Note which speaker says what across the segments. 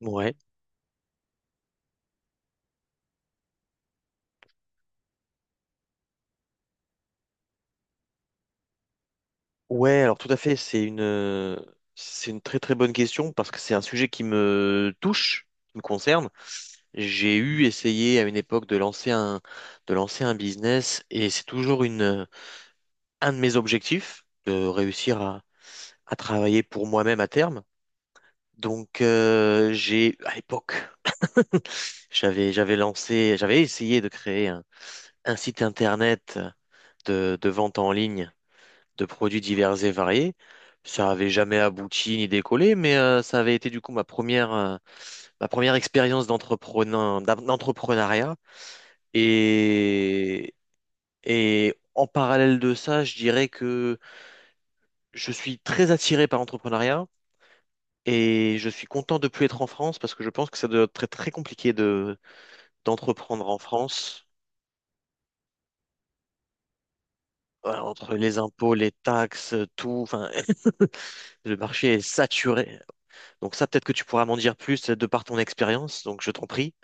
Speaker 1: Ouais. Ouais, alors tout à fait, c'est c'est une très très bonne question parce que c'est un sujet qui me touche, qui me concerne. J'ai eu essayé à une époque de lancer de lancer un business et c'est toujours un de mes objectifs de réussir à travailler pour moi-même à terme. Donc j'ai, à l'époque, j'avais lancé, j'avais essayé de créer un site internet de vente en ligne de produits divers et variés. Ça n'avait jamais abouti ni décollé, mais ça avait été du coup ma ma première expérience d'entrepreneur, d'entrepreneuriat. Et, et en parallèle de ça, je dirais que je suis très attiré par l'entrepreneuriat et je suis content de plus être en France parce que je pense que ça doit être très, très compliqué d'entreprendre en France. Voilà. Entre les impôts, les taxes, tout, enfin, le marché est saturé. Donc ça, peut-être que tu pourras m'en dire plus de par ton expérience, donc je t'en prie.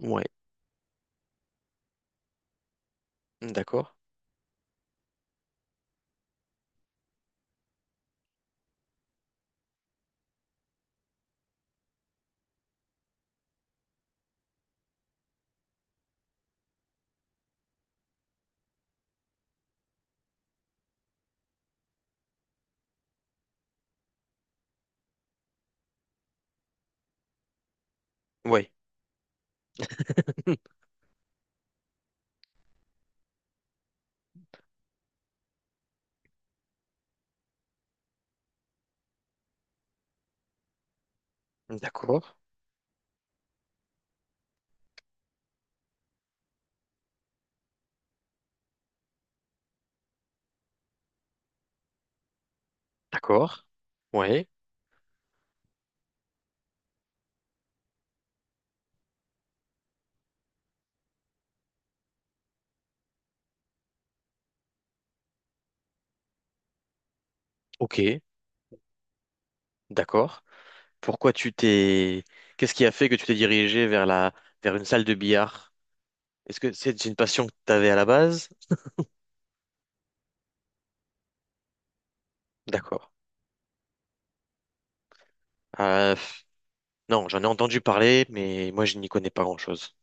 Speaker 1: Ouais, d'accord. Ouais. D'accord. D'accord. Ouais. Ok. D'accord. Pourquoi tu t'es... Qu'est-ce qui a fait que tu t'es dirigé vers la... vers une salle de billard? Est-ce que c'est une passion que tu avais à la base? D'accord. Euh, pff, non, j'en ai entendu parler, mais moi, je n'y connais pas grand-chose.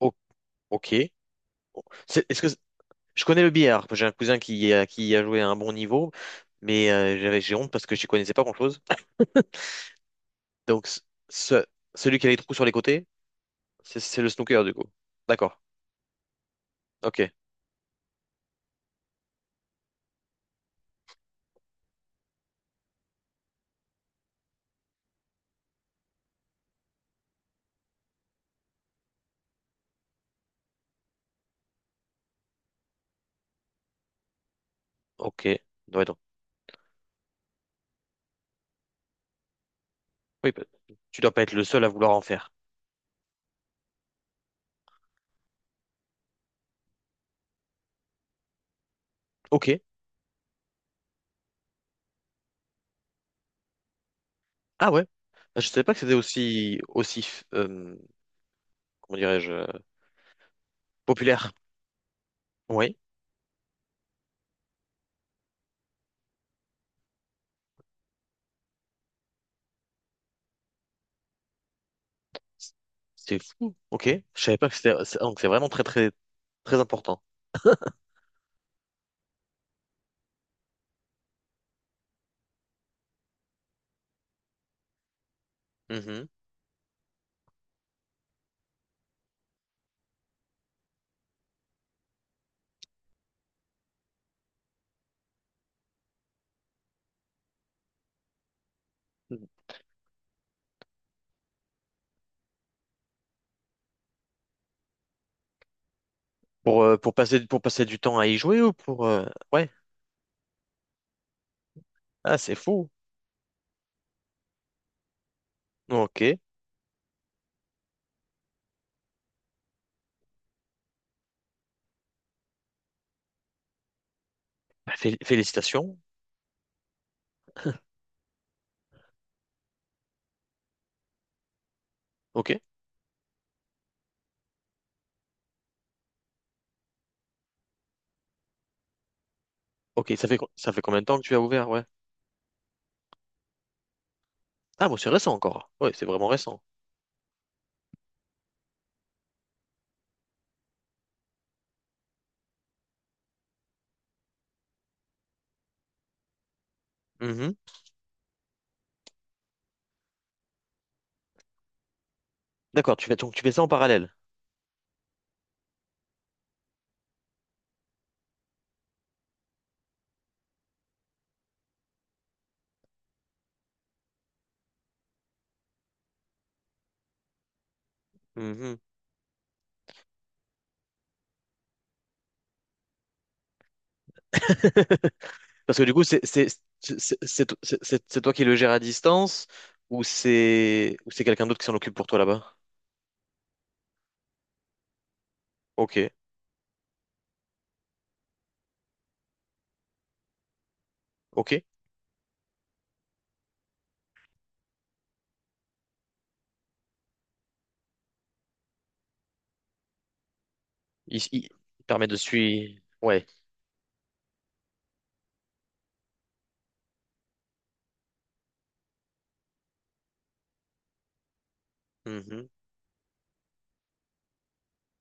Speaker 1: O- ok. Est-ce que... Je connais le billard. J'ai un cousin qui y a joué à un bon niveau, mais j'ai honte parce que je n'y connaissais pas grand-chose. Donc, ce, celui qui a les trous sur les côtés, c'est le snooker, du coup. D'accord. Ok. Ok. Ouais, donc. Oui, bah, tu dois pas être le seul à vouloir en faire. Ok. Ah ouais. Ah, je savais pas que c'était aussi, euh, comment dirais-je, populaire. Oui. C'est fou. Ok. Je savais pas que c'était, donc c'est vraiment très, très, très important. Mhm. Pour pour passer du temps à y jouer ou pour, ouais. Ah, c'est fou. Ok. Bah, félicitations. Ok. Ok. Ça fait, ça fait combien de temps que tu as ouvert? Ouais. Ah, bon, c'est récent encore. Oui, c'est vraiment récent. Mhm. D'accord, donc tu fais ça en parallèle. Mhm. Parce que du coup, c'est to- c'est- c'est toi qui le gères à distance ou c'est quelqu'un d'autre qui s'en occupe pour toi là-bas? Ok, ok. Il permet de suivre. Ouais. Mhm.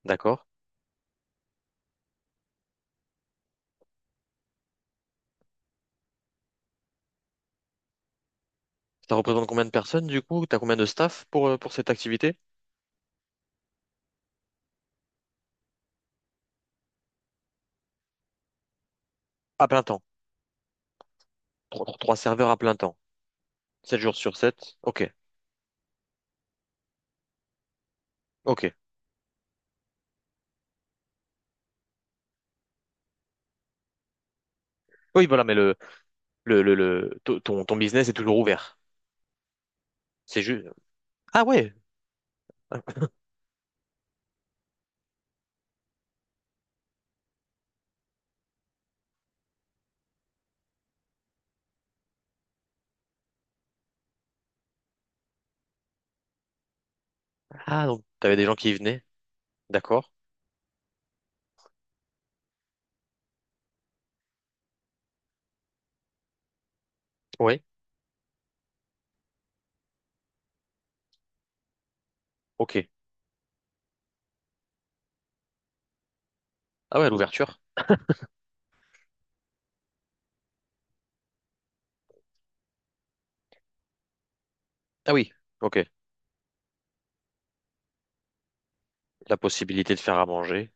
Speaker 1: D'accord. Ça représente combien de personnes du coup? T'as combien de staff pour cette activité? À plein temps. Trois serveurs à plein temps. Sept jours sur sept. Ok, ok. Oui, voilà, mais ton business est toujours ouvert. C'est juste. Ah ouais. Ah, donc t'avais des gens qui y venaient, d'accord. Oui, ok. Ah ouais, l'ouverture. Ah oui, ok. La possibilité de faire à manger.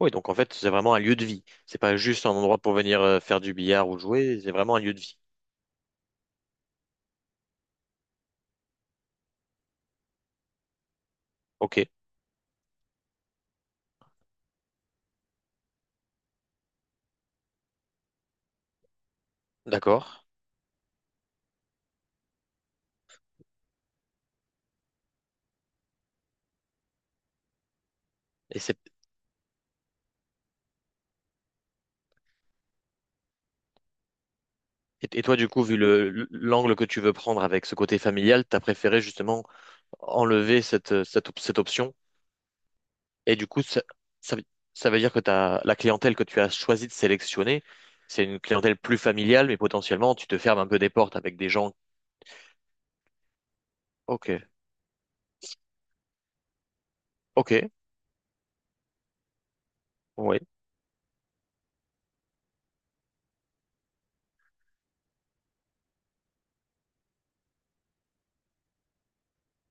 Speaker 1: Oui, donc en fait, c'est vraiment un lieu de vie. C'est pas juste un endroit pour venir faire du billard ou jouer, c'est vraiment un lieu de vie. Ok, d'accord. Et c'est Et toi, du coup, vu le l'angle que tu veux prendre avec ce côté familial, t'as préféré justement enlever cette, cette option. Et du coup, ça, veut ça veut dire que t'as, la clientèle que tu as choisi de sélectionner, c'est une clientèle plus familiale, mais potentiellement, tu te fermes un peu des portes avec des gens. Ok, ok, oui,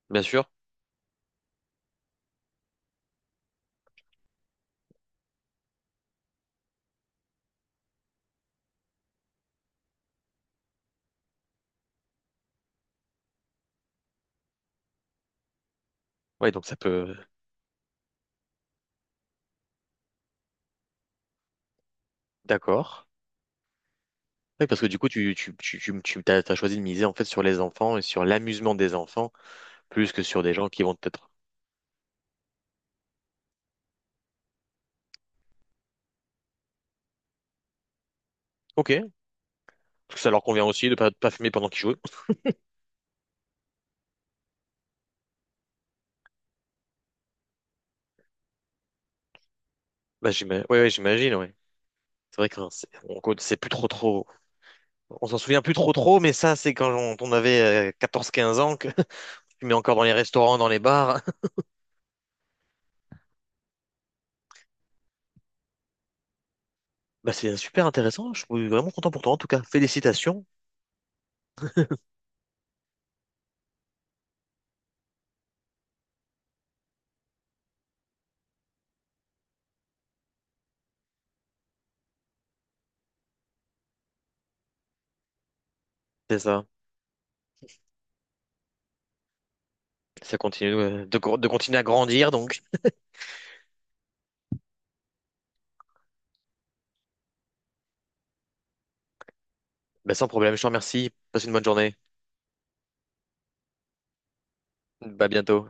Speaker 1: bien sûr. Oui, donc ça peut. D'accord. Oui, parce que du coup, t'as choisi de miser en fait sur les enfants et sur l'amusement des enfants plus que sur des gens qui vont peut-être. Ok, parce que ça leur convient aussi de pas fumer pendant qu'ils jouent. Bah, j'imagine, ouais, ouais, j'imagine, ouais. C'est vrai que hein, on c'est plus trop trop. On s'en souvient plus trop trop, mais ça, c'est quand on avait 14, 15 ans que tu mets encore dans les restaurants, dans les bars. Bah, c'est super intéressant. Je suis vraiment content pour toi en tout cas. Félicitations. C'est ça. Ça continue de continuer à grandir. Donc bah, sans problème, je te remercie. Passe une bonne journée. Bah, à bientôt.